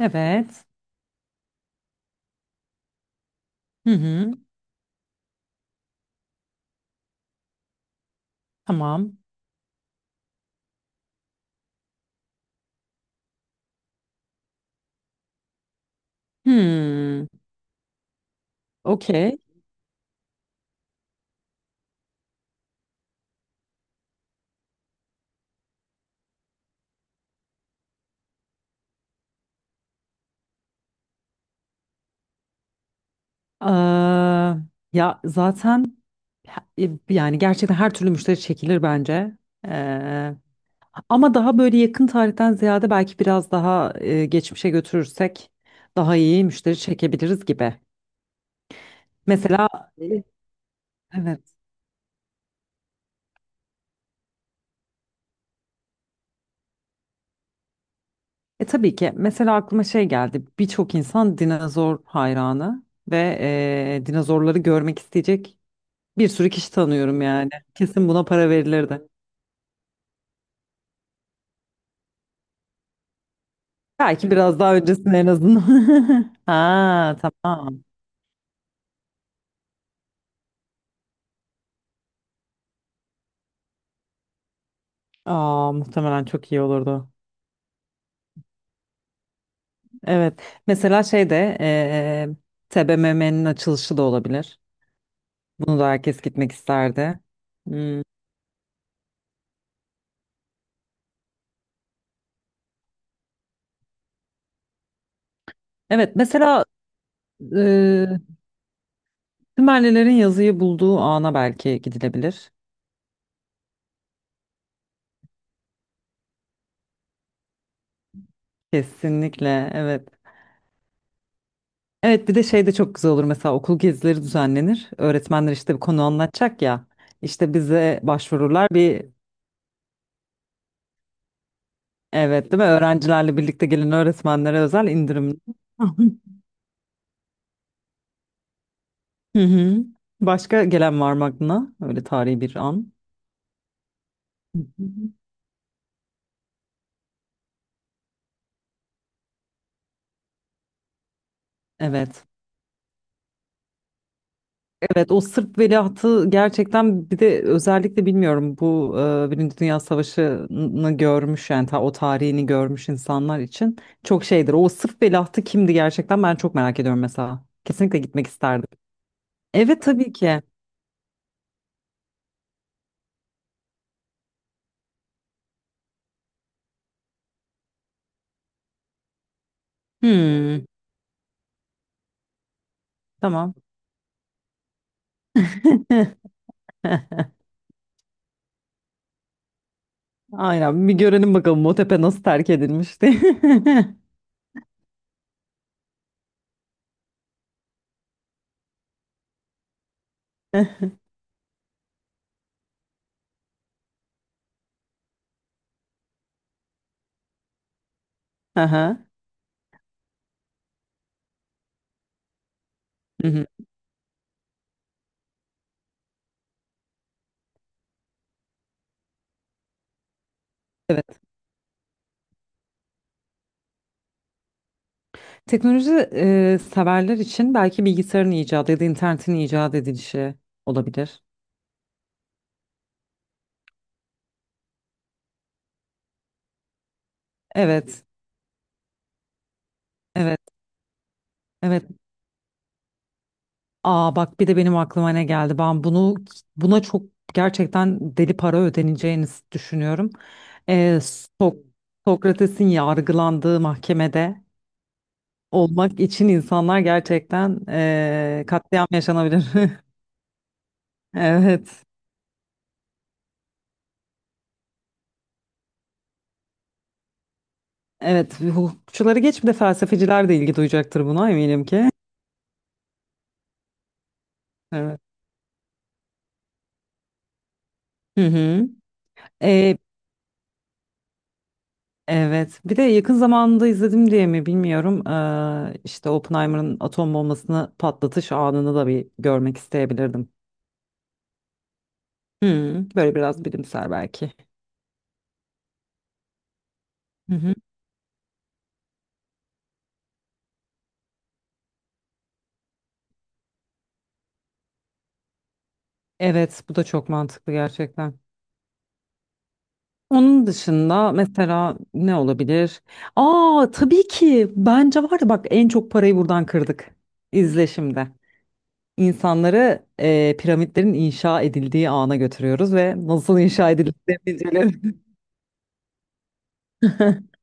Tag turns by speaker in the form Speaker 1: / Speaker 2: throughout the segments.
Speaker 1: Evet. Hı hı. Tamam. Hmm. Okey. Aa, ya zaten yani gerçekten her türlü müşteri çekilir bence. Ee, ama daha böyle yakın tarihten ziyade belki biraz daha geçmişe götürürsek daha iyi müşteri çekebiliriz gibi. Mesela e, evet. E tabii ki mesela aklıma şey geldi. Birçok insan dinozor hayranı ve dinozorları görmek isteyecek. Bir sürü kişi tanıyorum yani. Kesin buna para verilirdi. Belki biraz daha öncesinde en azından. Ha, tamam. Aa, muhtemelen çok iyi olurdu. Evet. Mesela şey de TBMM'nin açılışı da olabilir. Bunu da herkes gitmek isterdi. Hmm. Evet. Mesela eee Sümerlilerin yazıyı bulduğu ana belki gidilebilir. Kesinlikle. Evet. Evet, bir de şey de çok güzel olur, mesela okul gezileri düzenlenir. Öğretmenler işte bir konu anlatacak ya. İşte bize başvururlar bir, evet değil mi? Öğrencilerle birlikte gelen öğretmenlere özel indirim. Hı hı. Başka gelen var mı aklına? Öyle tarihi bir an. Hı hı. Evet. Evet, o Sırp veliahtı gerçekten, bir de özellikle bilmiyorum bu Birinci Dünya Savaşı'nı görmüş, yani o tarihini görmüş insanlar için çok şeydir. O Sırp veliahtı kimdi gerçekten, ben çok merak ediyorum mesela. Kesinlikle gitmek isterdim. Evet, tabii ki. Hmm, tamam. Aynen, bir görelim bakalım o tepe nasıl terk edilmişti. Aha. Hı hı. Evet. Teknoloji severler için belki bilgisayarın icadı ya da internetin icat edilişi olabilir. Evet, evet, evet. Aa, bak bir de benim aklıma ne geldi. Ben bunu, buna çok gerçekten deli para ödeneceğini düşünüyorum. E, So- Sokrates'in yargılandığı mahkemede olmak için insanlar gerçekten katliam yaşanabilir. Evet, evet. Hukukçuları geç, bir de felsefeciler de ilgi duyacaktır buna eminim ki. Evet. Hı hı. Evet. Bir de yakın zamanda izledim diye mi bilmiyorum. İşte Oppenheimer'ın atom bombasını patlatış anını da bir görmek isteyebilirdim. Hmm, böyle biraz bilimsel belki. Hı hı. Evet, bu da çok mantıklı gerçekten. Onun dışında mesela ne olabilir? Aa, tabii ki bence var ya, bak en çok parayı buradan kırdık. İzle şimdi. İnsanları piramitlerin inşa edildiği ana götürüyoruz ve nasıl inşa edildiğini biliyoruz.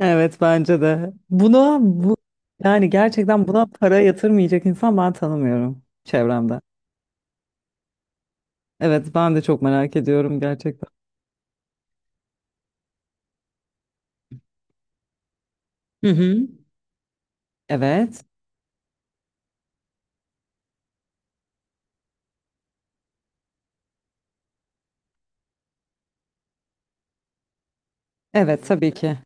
Speaker 1: Evet, bence de. Buna, bu yani gerçekten, buna para yatırmayacak insan ben tanımıyorum çevremde. Evet, ben de çok merak ediyorum gerçekten. Hı hı. Evet. Evet, tabii ki.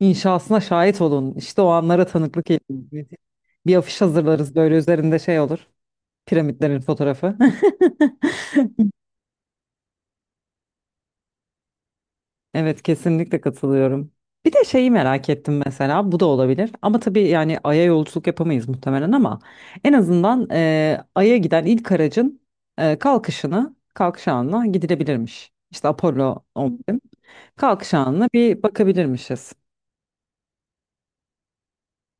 Speaker 1: İnşasına şahit olun. İşte o anlara tanıklık edin. Bir afiş hazırlarız, böyle üzerinde şey olur. Piramitlerin fotoğrafı. Evet, kesinlikle katılıyorum. Bir de şeyi merak ettim mesela, bu da olabilir ama tabii yani Ay'a yolculuk yapamayız muhtemelen ama en azından Ay'a giden ilk aracın kalkış anına gidilebilirmiş. İşte Apollo 11 kalkış anına bir bakabilirmişiz.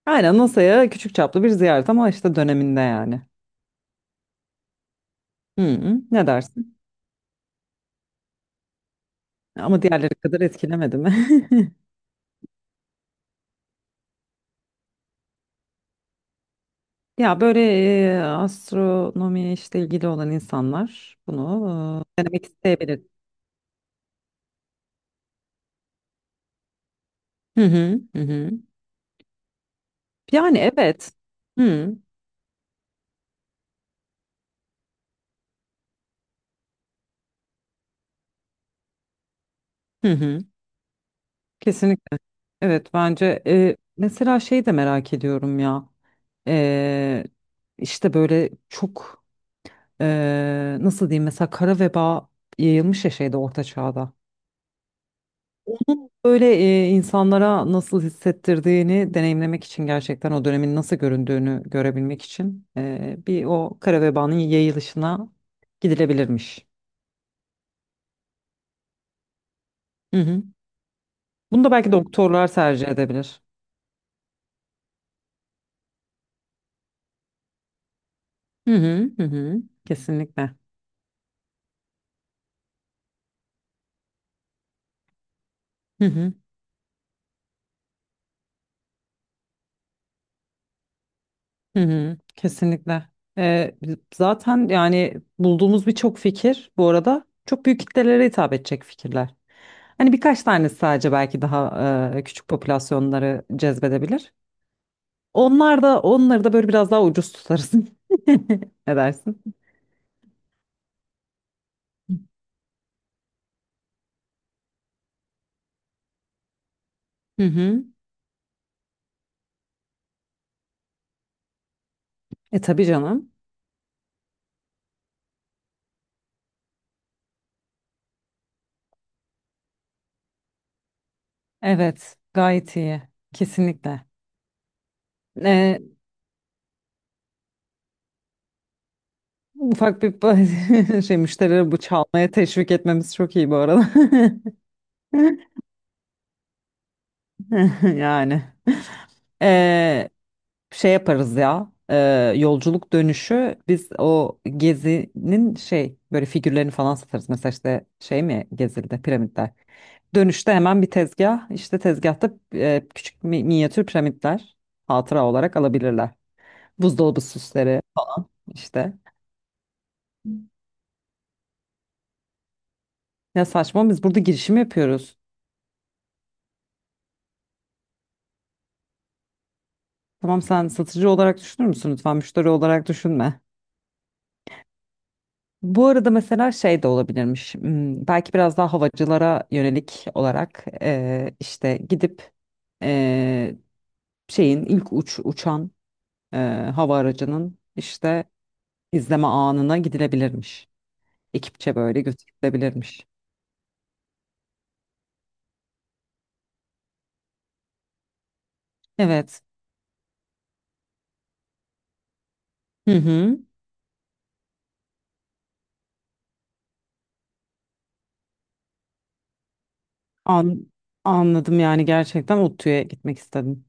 Speaker 1: Aynen, NASA'ya küçük çaplı bir ziyaret ama işte döneminde yani. Hı hı, ne dersin? Ama diğerleri kadar etkilemedi mi? Ya böyle astronomiye işte ilgili olan insanlar bunu denemek isteyebilir. Hı hı, hı hı. Yani evet. Hı hı hı. Kesinlikle. Evet, bence mesela şey de merak ediyorum ya. E, işte böyle çok nasıl diyeyim, mesela kara veba yayılmış ya şeyde, orta çağda. Böyle insanlara nasıl hissettirdiğini deneyimlemek için, gerçekten o dönemin nasıl göründüğünü görebilmek için bir o kara vebanın yayılışına gidilebilirmiş. Hı hı. Bunu da belki doktorlar tercih edebilir. Hı hı hı hı. Kesinlikle. Hı hı hı hı. Kesinlikle. Zaten yani bulduğumuz birçok fikir bu arada çok büyük kitlelere hitap edecek fikirler. Hani birkaç tanesi sadece belki daha küçük popülasyonları cezbedebilir. Onlar da, onları da böyle biraz daha ucuz tutarız. Ne dersin? Hı hı. E, tabii canım. Evet, gayet iyi. Kesinlikle. E, ufak bir şey, müşterileri bu çalmaya teşvik etmemiz çok iyi bu arada. Yani. E, şey yaparız ya, yolculuk dönüşü biz o gezinin şey böyle figürlerini falan satarız. Mesela işte şey mi gezildi, piramitler. Dönüşte hemen bir tezgah, işte tezgahta minyatür piramitler hatıra olarak alabilirler. Buzdolabı süsleri işte. Ya saçma, biz burada girişim yapıyoruz. Tamam, sen satıcı olarak düşünür müsün? Lütfen müşteri olarak düşünme. Bu arada mesela şey de olabilirmiş. Belki biraz daha havacılara yönelik olarak işte gidip eee, şeyin ilk uç uçan eee, hava aracının işte izleme anına gidilebilirmiş. Ekipçe böyle götürülebilirmiş. Evet. Hı hı. An Anladım, yani gerçekten ODTÜ'ye gitmek istedim.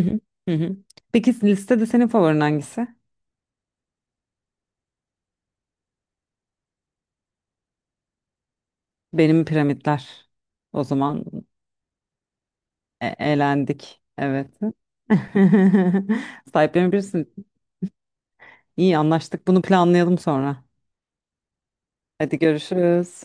Speaker 1: Hı hı. Hı hı. Peki, listede senin favorin hangisi? Benim piramitler. O zaman eğlendik. Evet. Sahiplenebilirsin. İyi anlaştık. Bunu planlayalım sonra. Hadi görüşürüz.